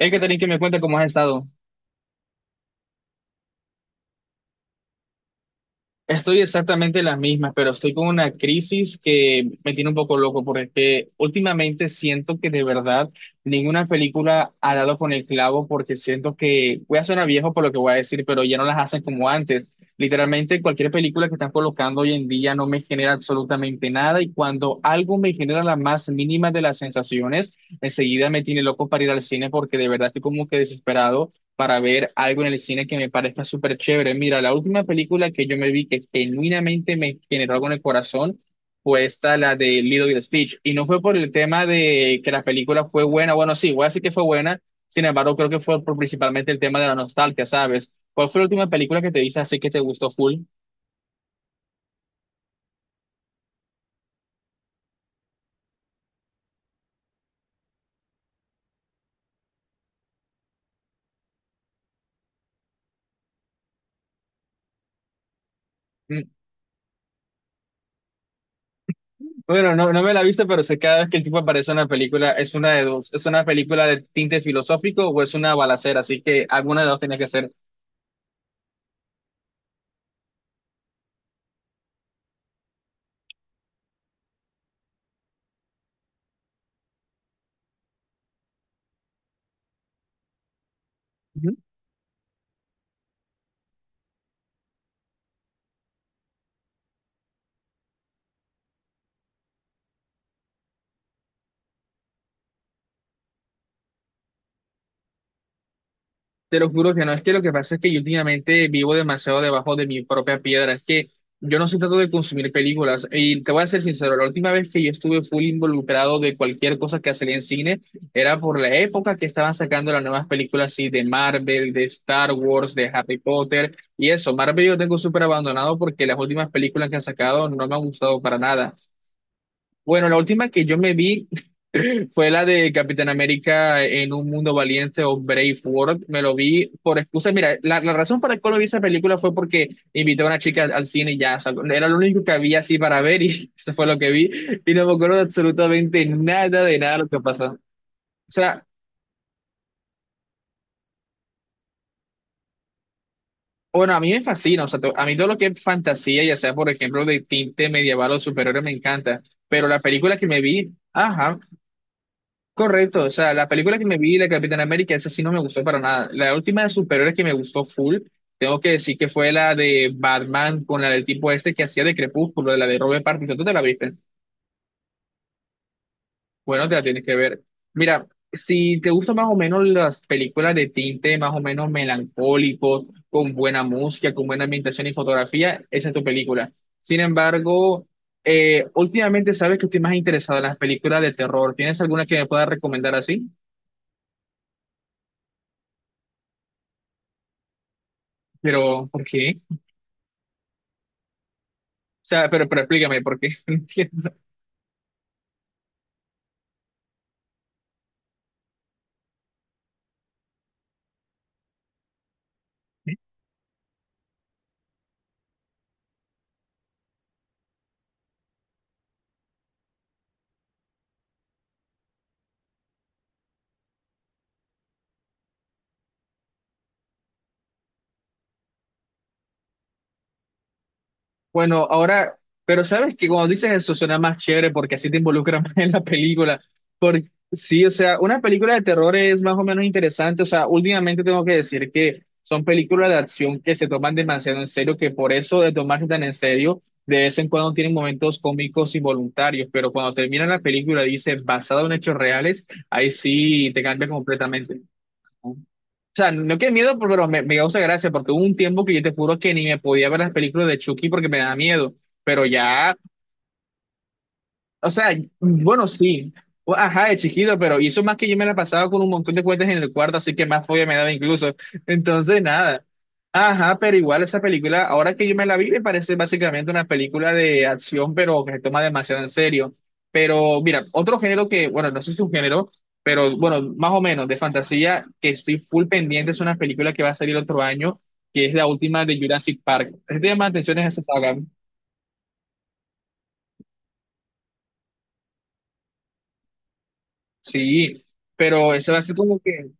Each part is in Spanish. Hey, Catherine, que me cuenta cómo has estado. Estoy exactamente las mismas, pero estoy con una crisis que me tiene un poco loco, porque es que últimamente siento que de verdad ninguna película ha dado con el clavo, porque siento que voy a sonar viejo por lo que voy a decir, pero ya no las hacen como antes. Literalmente cualquier película que están colocando hoy en día no me genera absolutamente nada, y cuando algo me genera la más mínima de las sensaciones, enseguida me tiene loco para ir al cine, porque de verdad estoy como que desesperado para ver algo en el cine que me parezca súper chévere. Mira, la última película que yo me vi que genuinamente me generó algo en el corazón fue esta, la de Lilo y Stitch. Y no fue por el tema de que la película fue buena, bueno, sí, voy a decir que fue buena, sin embargo, creo que fue por principalmente el tema de la nostalgia, ¿sabes? ¿Cuál fue la última película que te viste así que te gustó full? Mm, Bueno, no me la viste, pero sé cada vez que el tipo aparece en una película, es una de dos. ¿Es una película de tinte filosófico o es una balacera? Así que alguna de dos tenía que ser. Te lo juro que no, es que lo que pasa es que yo últimamente vivo demasiado debajo de mi propia piedra, es que yo no soy tanto de consumir películas y te voy a ser sincero, la última vez que yo estuve full involucrado de cualquier cosa que salía en cine era por la época que estaban sacando las nuevas películas así de Marvel, de Star Wars, de Harry Potter y eso. Marvel yo tengo súper abandonado porque las últimas películas que han sacado no me han gustado para nada. Bueno, la última que yo me vi fue la de Capitán América en un mundo valiente o Brave World. Me lo vi por excusa. Mira, la razón por la cual no vi esa película fue porque invité a una chica al cine y ya, o sea, era lo único que había así para ver y eso fue lo que vi. Y no me acuerdo de absolutamente nada de nada de lo que pasó. O sea, bueno, a mí me fascina, o sea, a mí todo lo que es fantasía, ya sea por ejemplo de tinte medieval o superior me encanta. Pero la película que me vi, ajá. Correcto, o sea, la película que me vi de Capitán América, esa sí no me gustó para nada. La última de superhéroes que me gustó full, tengo que decir que fue la de Batman con la del tipo este que hacía de Crepúsculo, de la de Robert Pattinson. ¿Tú te la viste? Bueno, te la tienes que ver. Mira, si te gustan más o menos las películas de tinte más o menos melancólico, con buena música, con buena ambientación y fotografía, esa es tu película. Sin embargo, últimamente sabes que estoy más interesado en las películas de terror. ¿Tienes alguna que me pueda recomendar así? Pero, ¿por qué? O sea, pero explícame por qué. No entiendo. Bueno, ahora, pero sabes que cuando dices eso suena más chévere porque así te involucran más en la película. Porque, sí, o sea, una película de terror es más o menos interesante. O sea, últimamente tengo que decir que son películas de acción que se toman demasiado en serio, que por eso de tomarse tan en serio, de vez en cuando tienen momentos cómicos involuntarios, pero cuando termina la película y dice basado en hechos reales, ahí sí te cambia completamente. ¿No? O sea, no que miedo, pero me causa gracia, porque hubo un tiempo que yo te juro que ni me podía ver las películas de Chucky porque me da miedo. Pero ya, o sea, bueno, sí. Ajá, de chiquito, pero y eso más que yo me la pasaba con un montón de cuentas en el cuarto, así que más fobia me daba incluso. Entonces, nada. Ajá, pero igual esa película, ahora que yo me la vi, me parece básicamente una película de acción, pero que se toma demasiado en serio. Pero mira, otro género que, bueno, no sé si es un género, pero bueno, más o menos de fantasía, que estoy full pendiente, es una película que va a salir otro año, que es la última de Jurassic Park. Es de más atención a esa saga. Sí, pero esa va a ser como que...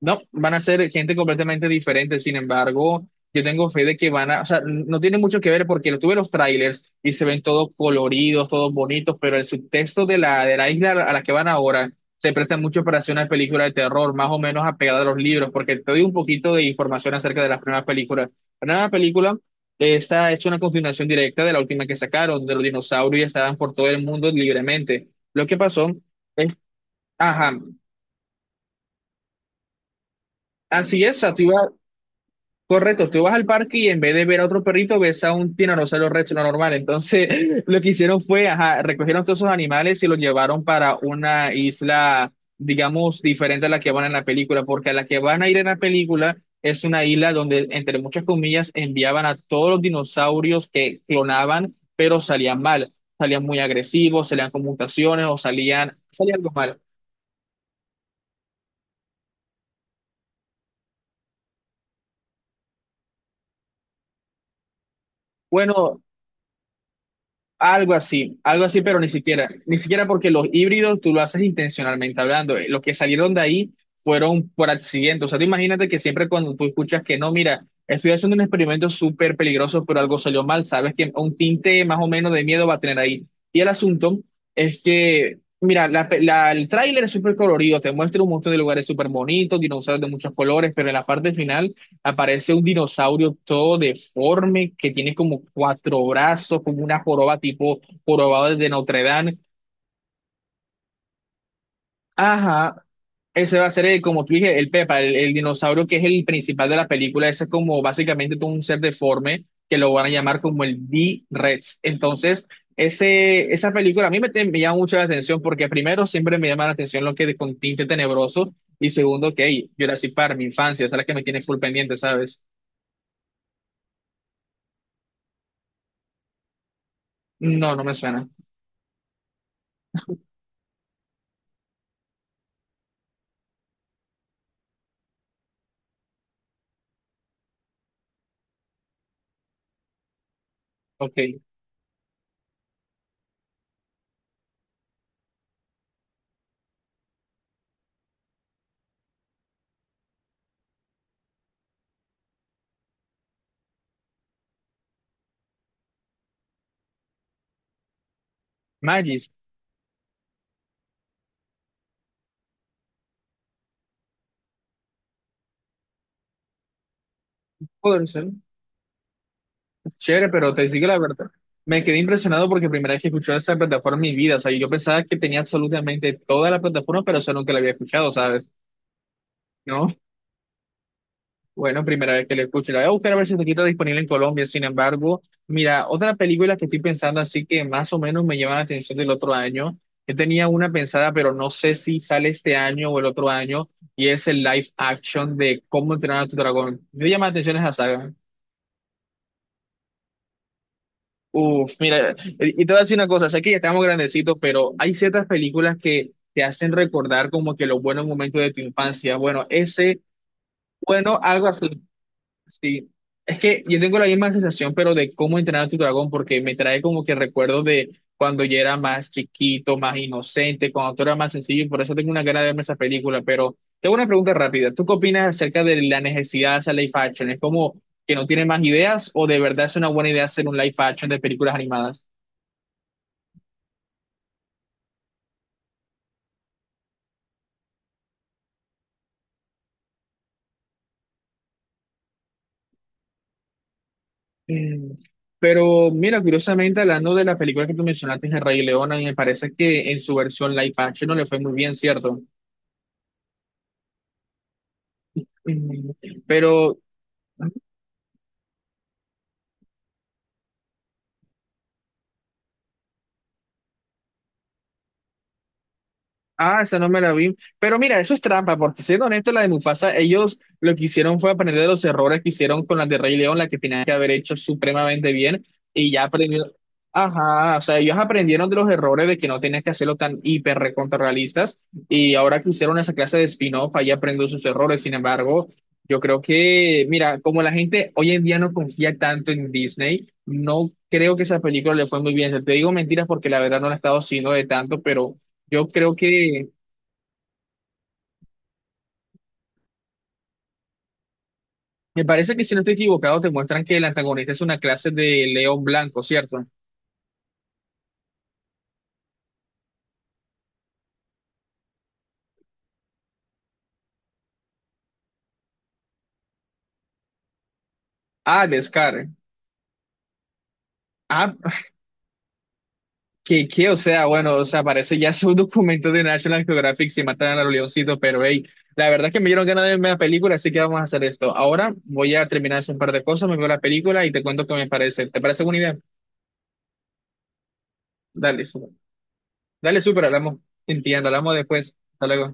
No, van a ser gente completamente diferente. Sin embargo, yo tengo fe de que van a, o sea, no tiene mucho que ver porque lo tuve los trailers y se ven todos coloridos, todos bonitos, pero el subtexto de de la isla a la que van ahora se presta mucho para hacer una película de terror, más o menos apegada a los libros, porque te doy un poquito de información acerca de las primeras películas. La primera película, esta es una continuación directa de la última que sacaron, de los dinosaurios y estaban por todo el mundo libremente. Lo que pasó es, ajá, así es, o sea, tú ibas. Correcto, tú vas al parque y en vez de ver a otro perrito, ves a un tiranosaurio rex, lo normal. Entonces, lo que hicieron fue, ajá, recogieron todos esos animales y los llevaron para una isla, digamos, diferente a la que van en la película, porque a la que van a ir en la película es una isla donde, entre muchas comillas, enviaban a todos los dinosaurios que clonaban, pero salían mal, salían muy agresivos, salían con mutaciones o salían, salía algo mal. Bueno, algo así, algo así, pero ni siquiera porque los híbridos tú lo haces intencionalmente hablando. Los que salieron de ahí fueron por accidente. O sea, tú imagínate que siempre cuando tú escuchas que no, mira, estoy haciendo un experimento súper peligroso, pero algo salió mal, sabes que un tinte más o menos de miedo va a tener ahí. Y el asunto es que, mira, el tráiler es súper colorido, te muestra un montón de lugares súper bonitos, dinosaurios de muchos colores, pero en la parte final aparece un dinosaurio todo deforme que tiene como cuatro brazos, como una joroba tipo jorobado de Notre Dame. Ajá, ese va a ser, el, como tú dije, el Pepa, el dinosaurio que es el principal de la película. Ese es como básicamente todo un ser deforme que lo van a llamar como el D-Rex. Entonces, ese, esa película a mí me llama mucho la atención porque primero siempre me llama la atención lo que de con tinte tenebroso y segundo que, hey, Jurassic Park, mi infancia, esa es la que me tiene full pendiente, ¿sabes? No, no me suena. Ok. Magis, puede ser, chévere, pero te digo la verdad. Me quedé impresionado porque primera vez que escuché esa plataforma en mi vida, o sea, yo pensaba que tenía absolutamente toda la plataforma, pero solo nunca la había escuchado, ¿sabes? ¿No? Bueno, primera vez que la escucho, la voy a buscar a ver si está disponible en Colombia. Sin embargo, mira, otra película que estoy pensando así que más o menos me llama la atención del otro año, yo tenía una pensada, pero no sé si sale este año o el otro año, y es el live action de Cómo entrenar a tu dragón. Me llama la atención esa saga. Uf, mira, y te voy a decir una cosa, sé que ya estamos grandecitos, pero hay ciertas películas que te hacen recordar como que los buenos momentos de tu infancia. Bueno, ese, bueno, algo así, sí. Es que yo tengo la misma sensación, pero de cómo entrenar a tu dragón, porque me trae como que recuerdos de cuando yo era más chiquito, más inocente, cuando todo era más sencillo, y por eso tengo una gana de verme esa película. Pero tengo una pregunta rápida. ¿Tú qué opinas acerca de la necesidad de hacer live action? ¿Es como que no tiene más ideas o de verdad es una buena idea hacer un live action de películas animadas? Mm, Pero mira, curiosamente, hablando de la película que tú mencionaste, El Rey León, a mí me parece que en su versión live action no le fue muy bien, ¿cierto? Mm, Pero... Ah, esa no me la vi. Pero mira, eso es trampa, porque siendo honesto, la de Mufasa, ellos lo que hicieron fue aprender de los errores que hicieron con la de Rey León, la que tenían que haber hecho supremamente bien, y ya aprendieron. Ajá, o sea, ellos aprendieron de los errores de que no tenías que hacerlo tan hiper recontrarrealistas, y ahora que hicieron esa clase de spin-off, ahí aprenden sus errores. Sin embargo, yo creo que, mira, como la gente hoy en día no confía tanto en Disney, no creo que esa película le fue muy bien. Te digo mentiras porque la verdad no la he estado siguiendo de tanto, pero... Yo creo que me parece que si no estoy equivocado, te muestran que el antagonista es una clase de león blanco, ¿cierto? Ah, de Scar. Ah, o sea, bueno, o sea, parece ya su documento de National Geographic si matan a los leoncitos, pero hey, la verdad es que me dieron ganas de verme la película, así que vamos a hacer esto. Ahora voy a terminar de hacer un par de cosas, me veo la película y te cuento qué me parece. ¿Te parece buena idea? Dale, súper. Dale, súper, hablamos. Entiendo, hablamos después. Hasta luego.